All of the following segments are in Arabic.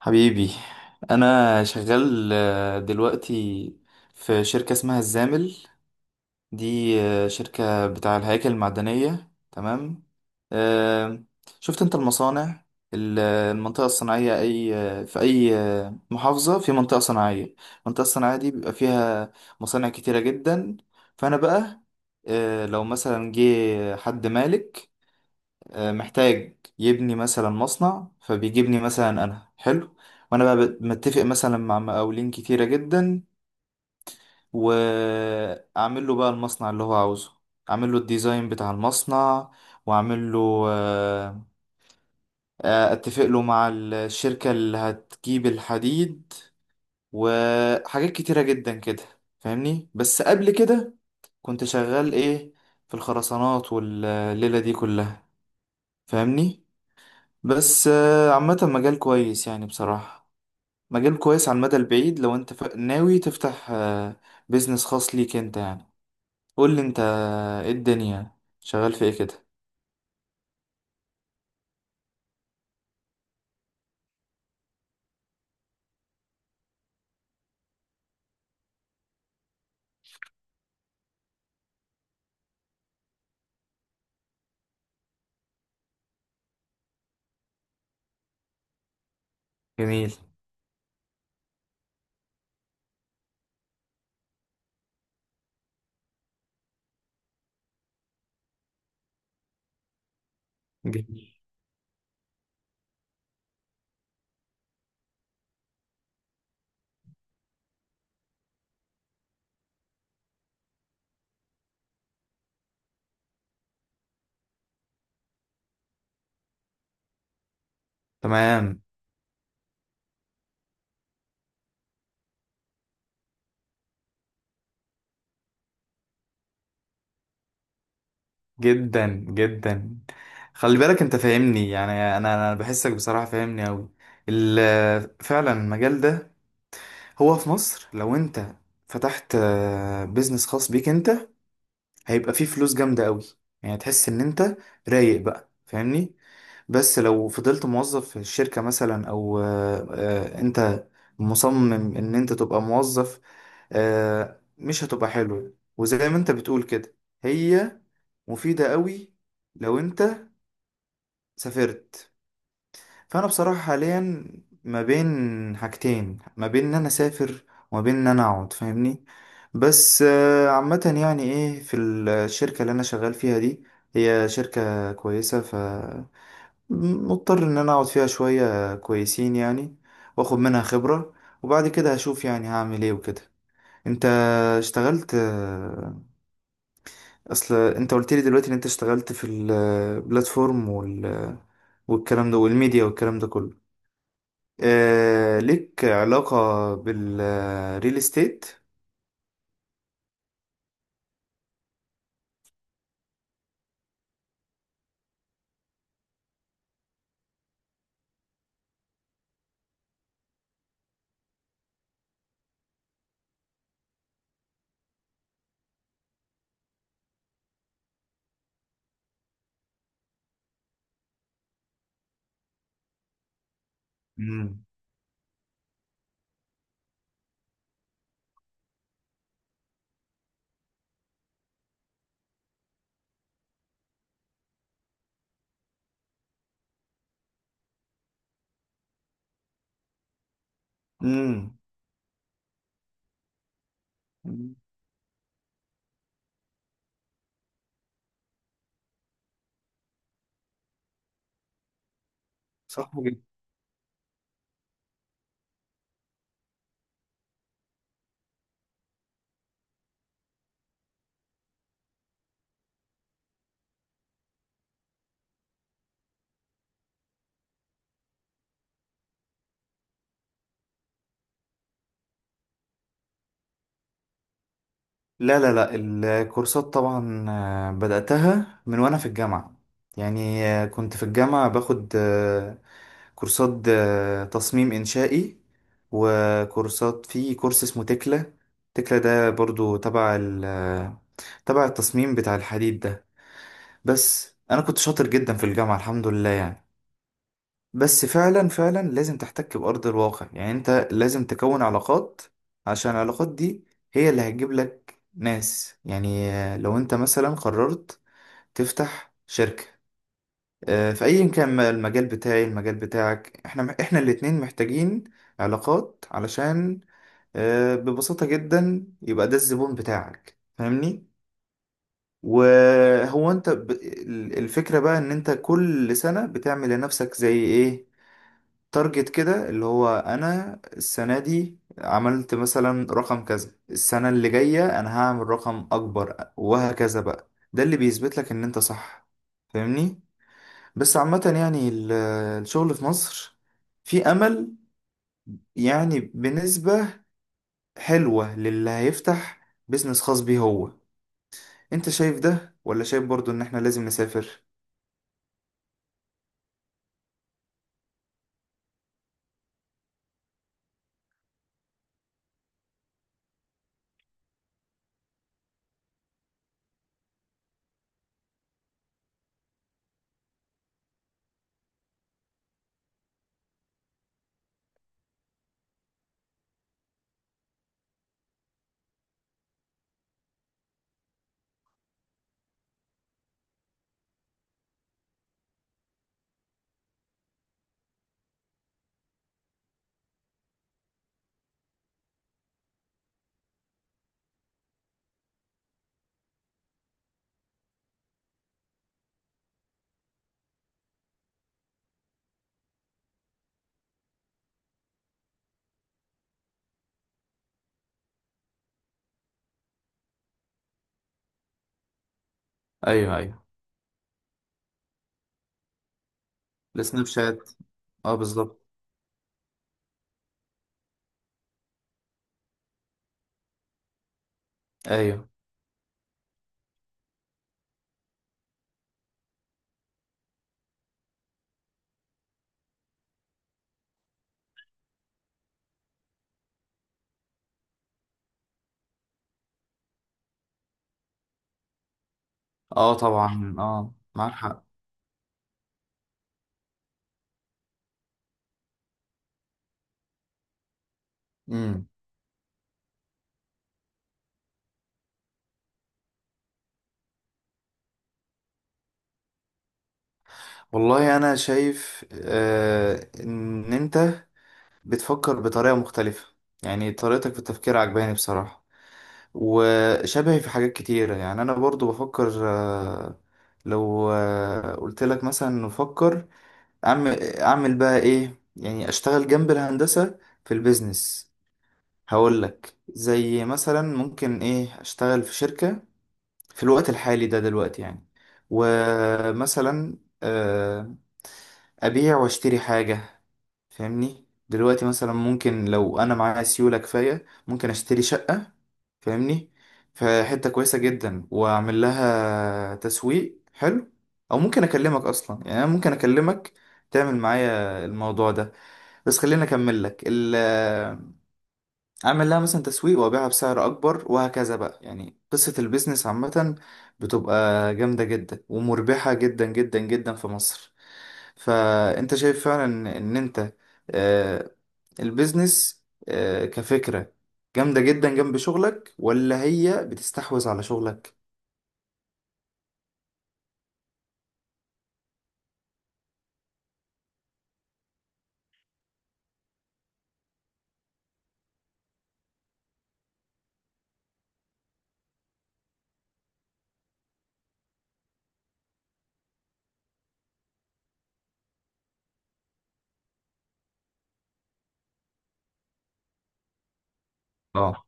حبيبي. انا شغال دلوقتي في شركة اسمها الزامل. دي شركة بتاع الهياكل المعدنية، تمام؟ آه، شفت انت المصانع؟ المنطقة الصناعية، اي آه، في اي آه، محافظة في منطقة صناعية، المنطقة الصناعية دي بيبقى فيها مصانع كتيرة جدا. فانا بقى، لو مثلا جه حد مالك محتاج يبني مثلا مصنع، فبيجيبني مثلا انا، حلو. وانا بقى متفق مثلا مع مقاولين كتيرة جدا، واعمل له بقى المصنع اللي هو عاوزه، اعمل له الديزاين بتاع المصنع، واعمل له آه، اتفق له مع الشركة اللي هتجيب الحديد، وحاجات كتيرة جدا كده، فاهمني؟ بس قبل كده كنت شغال ايه؟ في الخرسانات والليلة دي كلها، فاهمني. بس عامة مجال كويس يعني بصراحة، مجال كويس على المدى البعيد لو انت ناوي تفتح بيزنس خاص ليك انت يعني. قول لي انت، ايه الدنيا؟ شغال في ايه كده؟ جميل. جميل. تمام. جدا جدا. خلي بالك انت فاهمني يعني، انا بحسك بصراحة، فاهمني اوي. فعلا المجال ده هو في مصر لو انت فتحت بيزنس خاص بيك انت، هيبقى فيه فلوس جامدة قوي، يعني تحس ان انت رايق بقى، فاهمني. بس لو فضلت موظف في الشركة مثلا، او انت مصمم ان انت تبقى موظف، مش هتبقى حلو. وزي ما انت بتقول كده، هي مفيدة قوي لو انت سافرت. فانا بصراحه حاليا ما بين حاجتين: ما بين ان انا اسافر وما بين ان انا اقعد، فاهمني. بس عامه، يعني ايه، في الشركه اللي انا شغال فيها دي، هي شركه كويسه، ف مضطر ان انا اقعد فيها شويه كويسين يعني، واخد منها خبره، وبعد كده هشوف يعني هعمل ايه وكده. انت اشتغلت، اصل انت قلت لي دلوقتي ان انت اشتغلت في البلاتفورم وال والكلام ده والميديا والكلام ده كله، آه ليك علاقة بالريل استيت؟ مم. امم. صح جدا. لا لا لا، الكورسات طبعا بدأتها من وانا في الجامعة، يعني كنت في الجامعة باخد كورسات تصميم إنشائي، وكورسات في كورس اسمه تكلا. تكلا ده برضو تبع تبع التصميم بتاع الحديد ده. بس أنا كنت شاطر جدا في الجامعة الحمد لله يعني. بس فعلا فعلا لازم تحتك بأرض الواقع، يعني انت لازم تكون علاقات، عشان العلاقات دي هي اللي هتجيب لك ناس. يعني لو انت مثلا قررت تفتح شركة، في ايا كان، المجال بتاعي المجال بتاعك، احنا الاتنين محتاجين علاقات، علشان ببساطة جدا يبقى ده الزبون بتاعك، فاهمني. وهو انت الفكرة بقى، ان انت كل سنة بتعمل لنفسك زي ايه، تارجت كده، اللي هو انا السنه دي عملت مثلا رقم كذا، السنه اللي جايه انا هعمل رقم اكبر، وهكذا بقى. ده اللي بيثبت لك ان انت صح، فاهمني. بس عامه يعني الشغل في مصر في امل، يعني بنسبه حلوه للي هيفتح بيزنس خاص بيه هو. انت شايف ده ولا شايف برضو ان احنا لازم نسافر؟ ايوه. ايوه، السناب شات. اه بالظبط. ايوه. اه طبعا، اه معاك حق. والله انا شايف آه ان انت بتفكر بطريقه مختلفه، يعني طريقتك في التفكير عجباني بصراحه، وشبهي في حاجات كتيره. يعني انا برضو بفكر، آه لو آه قلت لك مثلا نفكر اعمل بقى ايه، يعني اشتغل جنب الهندسه في البيزنس. هقول لك زي مثلا ممكن ايه، اشتغل في شركه في الوقت الحالي ده دلوقتي يعني، ومثلا أبيع وأشتري حاجة، فاهمني. دلوقتي مثلا ممكن لو أنا معايا سيولة كفاية ممكن أشتري شقة، فاهمني، في حتة كويسة جدا، وأعمل لها تسويق حلو. أو ممكن أكلمك أصلا، يعني أنا ممكن أكلمك تعمل معايا الموضوع ده، بس خليني أكمل لك. اعمل لها مثلا تسويق وابيعها بسعر اكبر وهكذا بقى. يعني قصة البيزنس عامة بتبقى جامدة جدا ومربحة جدا جدا جدا في مصر. فانت شايف فعلا ان انت آه، البيزنس كفكرة جامدة جدا جنب شغلك، ولا هي بتستحوذ على شغلك؟ اه.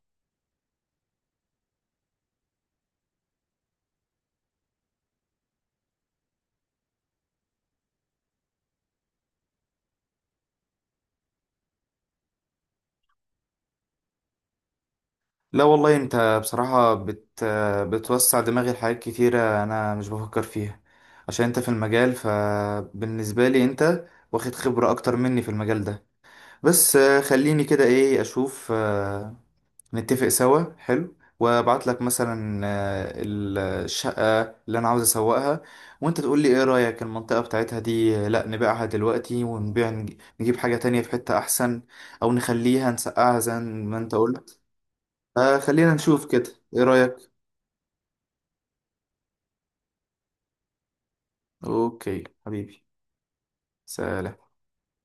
لا والله، انت بصراحة بتوسع دماغي لحاجات كتيرة انا مش بفكر فيها، عشان انت في المجال، فبالنسبة لي انت واخد خبرة اكتر مني في المجال ده. بس خليني كده ايه، اشوف نتفق سوا حلو، وابعت لك مثلا الشقة اللي انا عاوز اسوقها، وانت تقول لي ايه رأيك، المنطقة بتاعتها دي لا نبيعها دلوقتي ونبيع نجيب حاجة تانية في حتة احسن، او نخليها نسقعها زي ما انت قلت. خلينا نشوف كده، ايه رأيك؟ اوكي حبيبي، سلام.